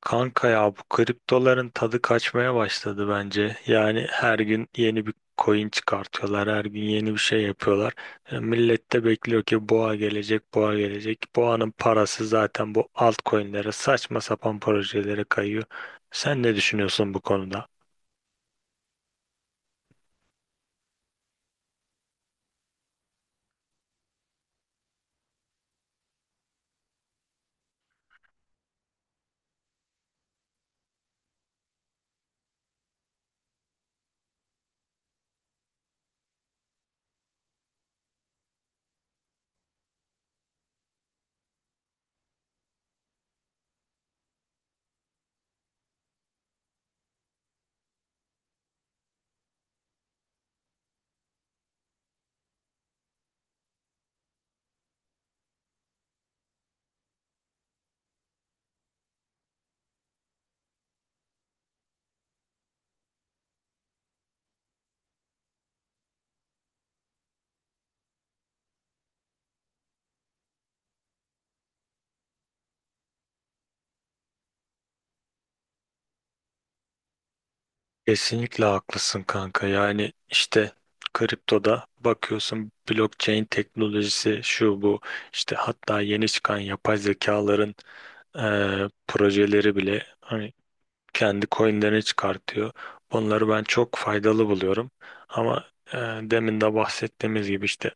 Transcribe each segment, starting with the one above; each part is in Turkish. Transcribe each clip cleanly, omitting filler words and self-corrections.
Kanka ya bu kriptoların tadı kaçmaya başladı bence. Yani her gün yeni bir coin çıkartıyorlar, her gün yeni bir şey yapıyorlar. Millet de bekliyor ki boğa gelecek, boğa gelecek. Boğanın parası zaten bu altcoin'lere, saçma sapan projelere kayıyor. Sen ne düşünüyorsun bu konuda? Kesinlikle haklısın kanka. Yani işte kriptoda bakıyorsun blockchain teknolojisi şu bu işte hatta yeni çıkan yapay zekaların e, projeleri bile hani kendi coinlerini çıkartıyor. Bunları ben çok faydalı buluyorum. Ama demin de bahsettiğimiz gibi işte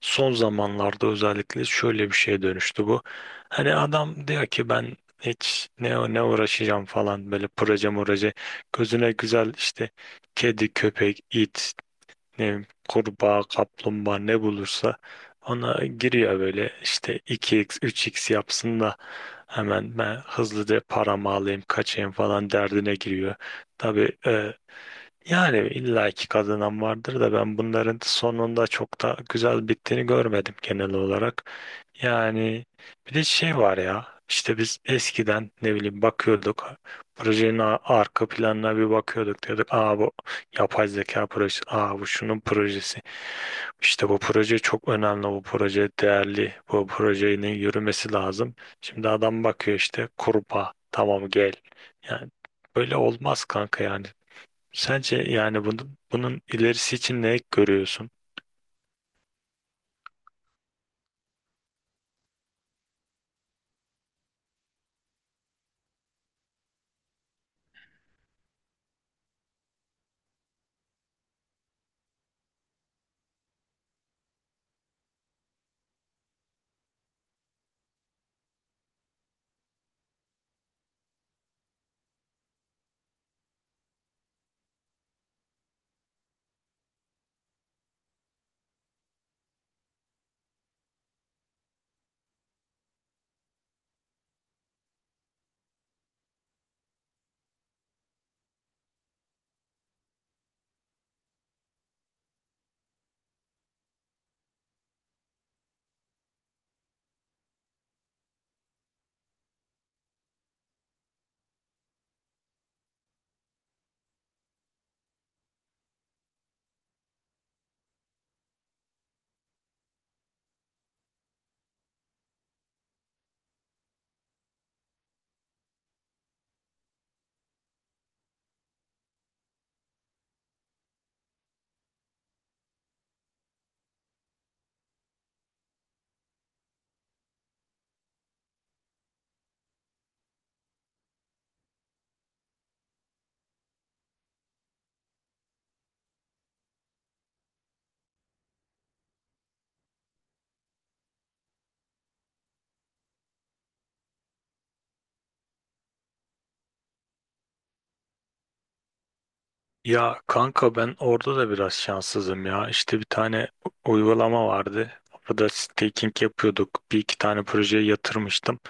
son zamanlarda özellikle şöyle bir şeye dönüştü bu. Hani adam diyor ki ben hiç ne uğraşacağım falan böyle proje proje gözüne güzel işte kedi köpek it ne bileyim, kurbağa, kaplumbağa ne bulursa ona giriyor böyle işte 2x, 3x yapsın da hemen ben hızlıca paramı alayım, kaçayım falan derdine giriyor. Tabii yani illaki kazanan vardır da ben bunların sonunda çok da güzel bittiğini görmedim genel olarak. Yani bir de şey var ya işte biz eskiden ne bileyim bakıyorduk projenin arka planına bir bakıyorduk diyorduk aa bu yapay zeka projesi, aa bu şunun projesi, işte bu proje çok önemli, bu proje değerli, bu projenin yürümesi lazım. Şimdi adam bakıyor işte kurbağa tamam gel, yani böyle olmaz kanka yani. Sence yani bunun, bunun ilerisi için ne görüyorsun? Ya kanka ben orada da biraz şanssızım ya. İşte bir tane uygulama vardı. Orada staking yapıyorduk. Bir iki tane projeye yatırmıştım.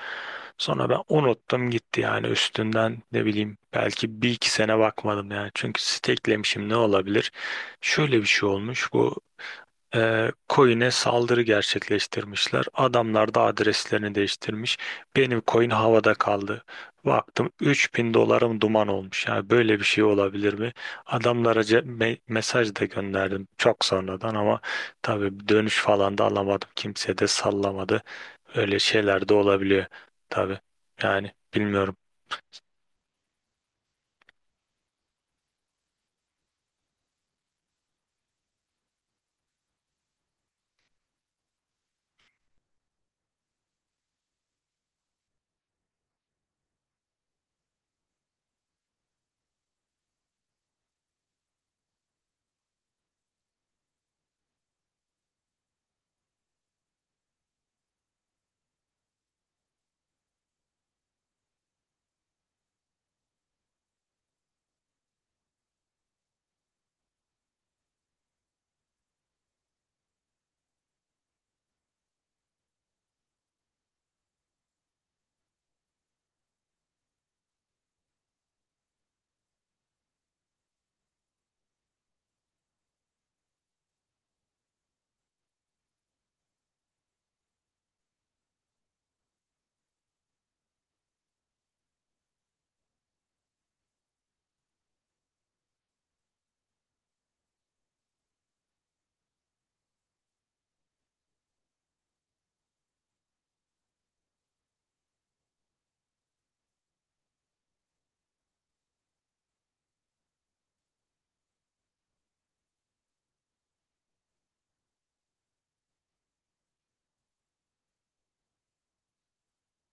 Sonra ben unuttum gitti yani, üstünden ne bileyim belki bir iki sene bakmadım yani. Çünkü stakelemişim, ne olabilir? Şöyle bir şey olmuş. Bu coin'e saldırı gerçekleştirmişler. Adamlar da adreslerini değiştirmiş. Benim coin havada kaldı. Baktım 3.000 dolarım duman olmuş. Yani böyle bir şey olabilir mi? Adamlara mesaj da gönderdim çok sonradan ama tabii dönüş falan da alamadım. Kimse de sallamadı. Öyle şeyler de olabiliyor tabii. Yani bilmiyorum.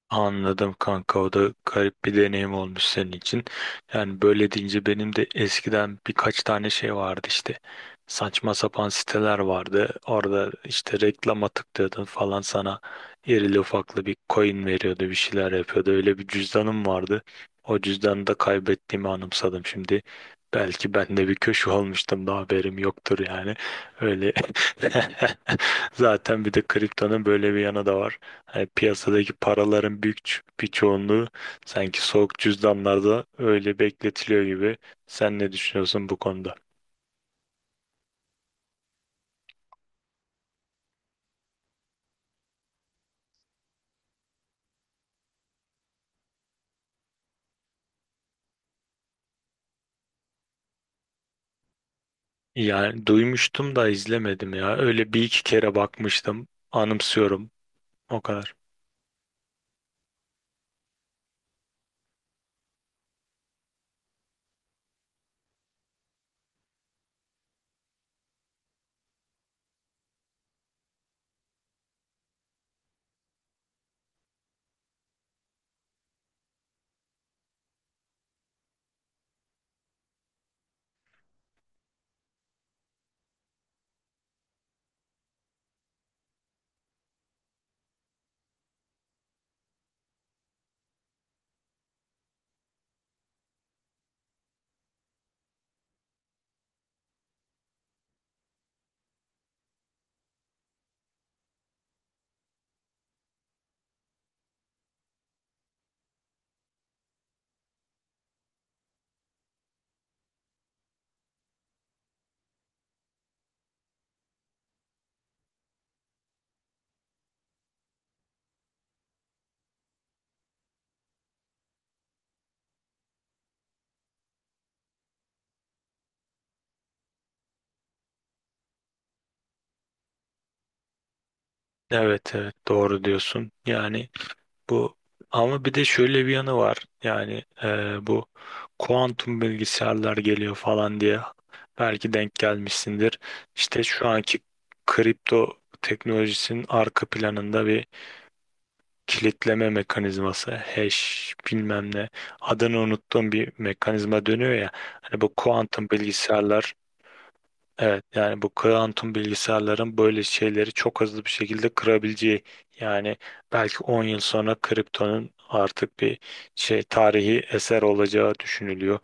Anladım kanka, o da garip bir deneyim olmuş senin için. Yani böyle deyince benim de eskiden birkaç tane şey vardı işte. Saçma sapan siteler vardı. Orada işte reklama tıklıyordun falan, sana irili ufaklı bir coin veriyordu, bir şeyler yapıyordu. Öyle bir cüzdanım vardı. O cüzdanı da kaybettiğimi anımsadım şimdi. Belki ben de bir köşe olmuştum da haberim yoktur yani. Öyle zaten bir de kriptonun böyle bir yanı da var. Yani piyasadaki paraların büyük bir çoğunluğu sanki soğuk cüzdanlarda öyle bekletiliyor gibi. Sen ne düşünüyorsun bu konuda? Yani duymuştum da izlemedim ya. Öyle bir iki kere bakmıştım, anımsıyorum. O kadar. Evet, evet, doğru diyorsun. Yani bu, ama bir de şöyle bir yanı var. Yani bu kuantum bilgisayarlar geliyor falan diye belki denk gelmişsindir. İşte şu anki kripto teknolojisinin arka planında bir kilitleme mekanizması, hash bilmem ne, adını unuttuğum bir mekanizma dönüyor ya. Hani bu kuantum bilgisayarlar, evet, yani bu kuantum bilgisayarların böyle şeyleri çok hızlı bir şekilde kırabileceği, yani belki 10 yıl sonra kriptonun artık bir şey, tarihi eser olacağı düşünülüyor.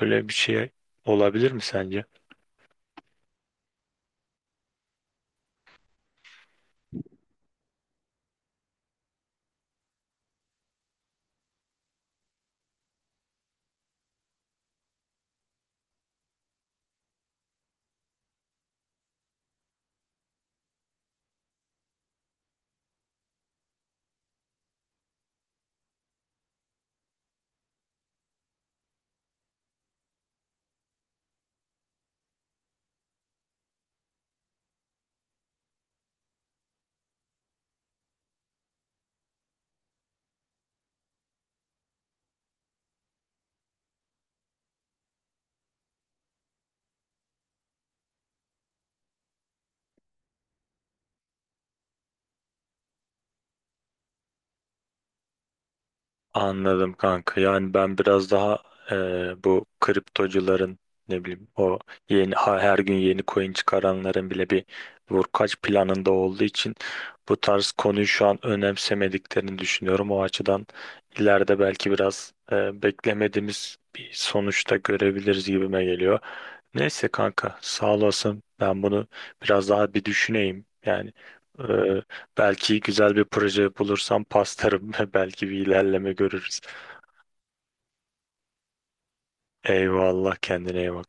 Böyle bir şey olabilir mi sence? Anladım kanka. Yani ben biraz daha bu kriptocuların ne bileyim o yeni her gün yeni coin çıkaranların bile bir vurkaç planında olduğu için bu tarz konuyu şu an önemsemediklerini düşünüyorum. O açıdan ileride belki biraz beklemediğimiz bir sonuçta görebiliriz gibime geliyor. Neyse kanka sağ olasın. Ben bunu biraz daha bir düşüneyim. Yani e, belki güzel bir proje bulursam pastarım ve belki bir ilerleme görürüz. Eyvallah, kendine iyi bak.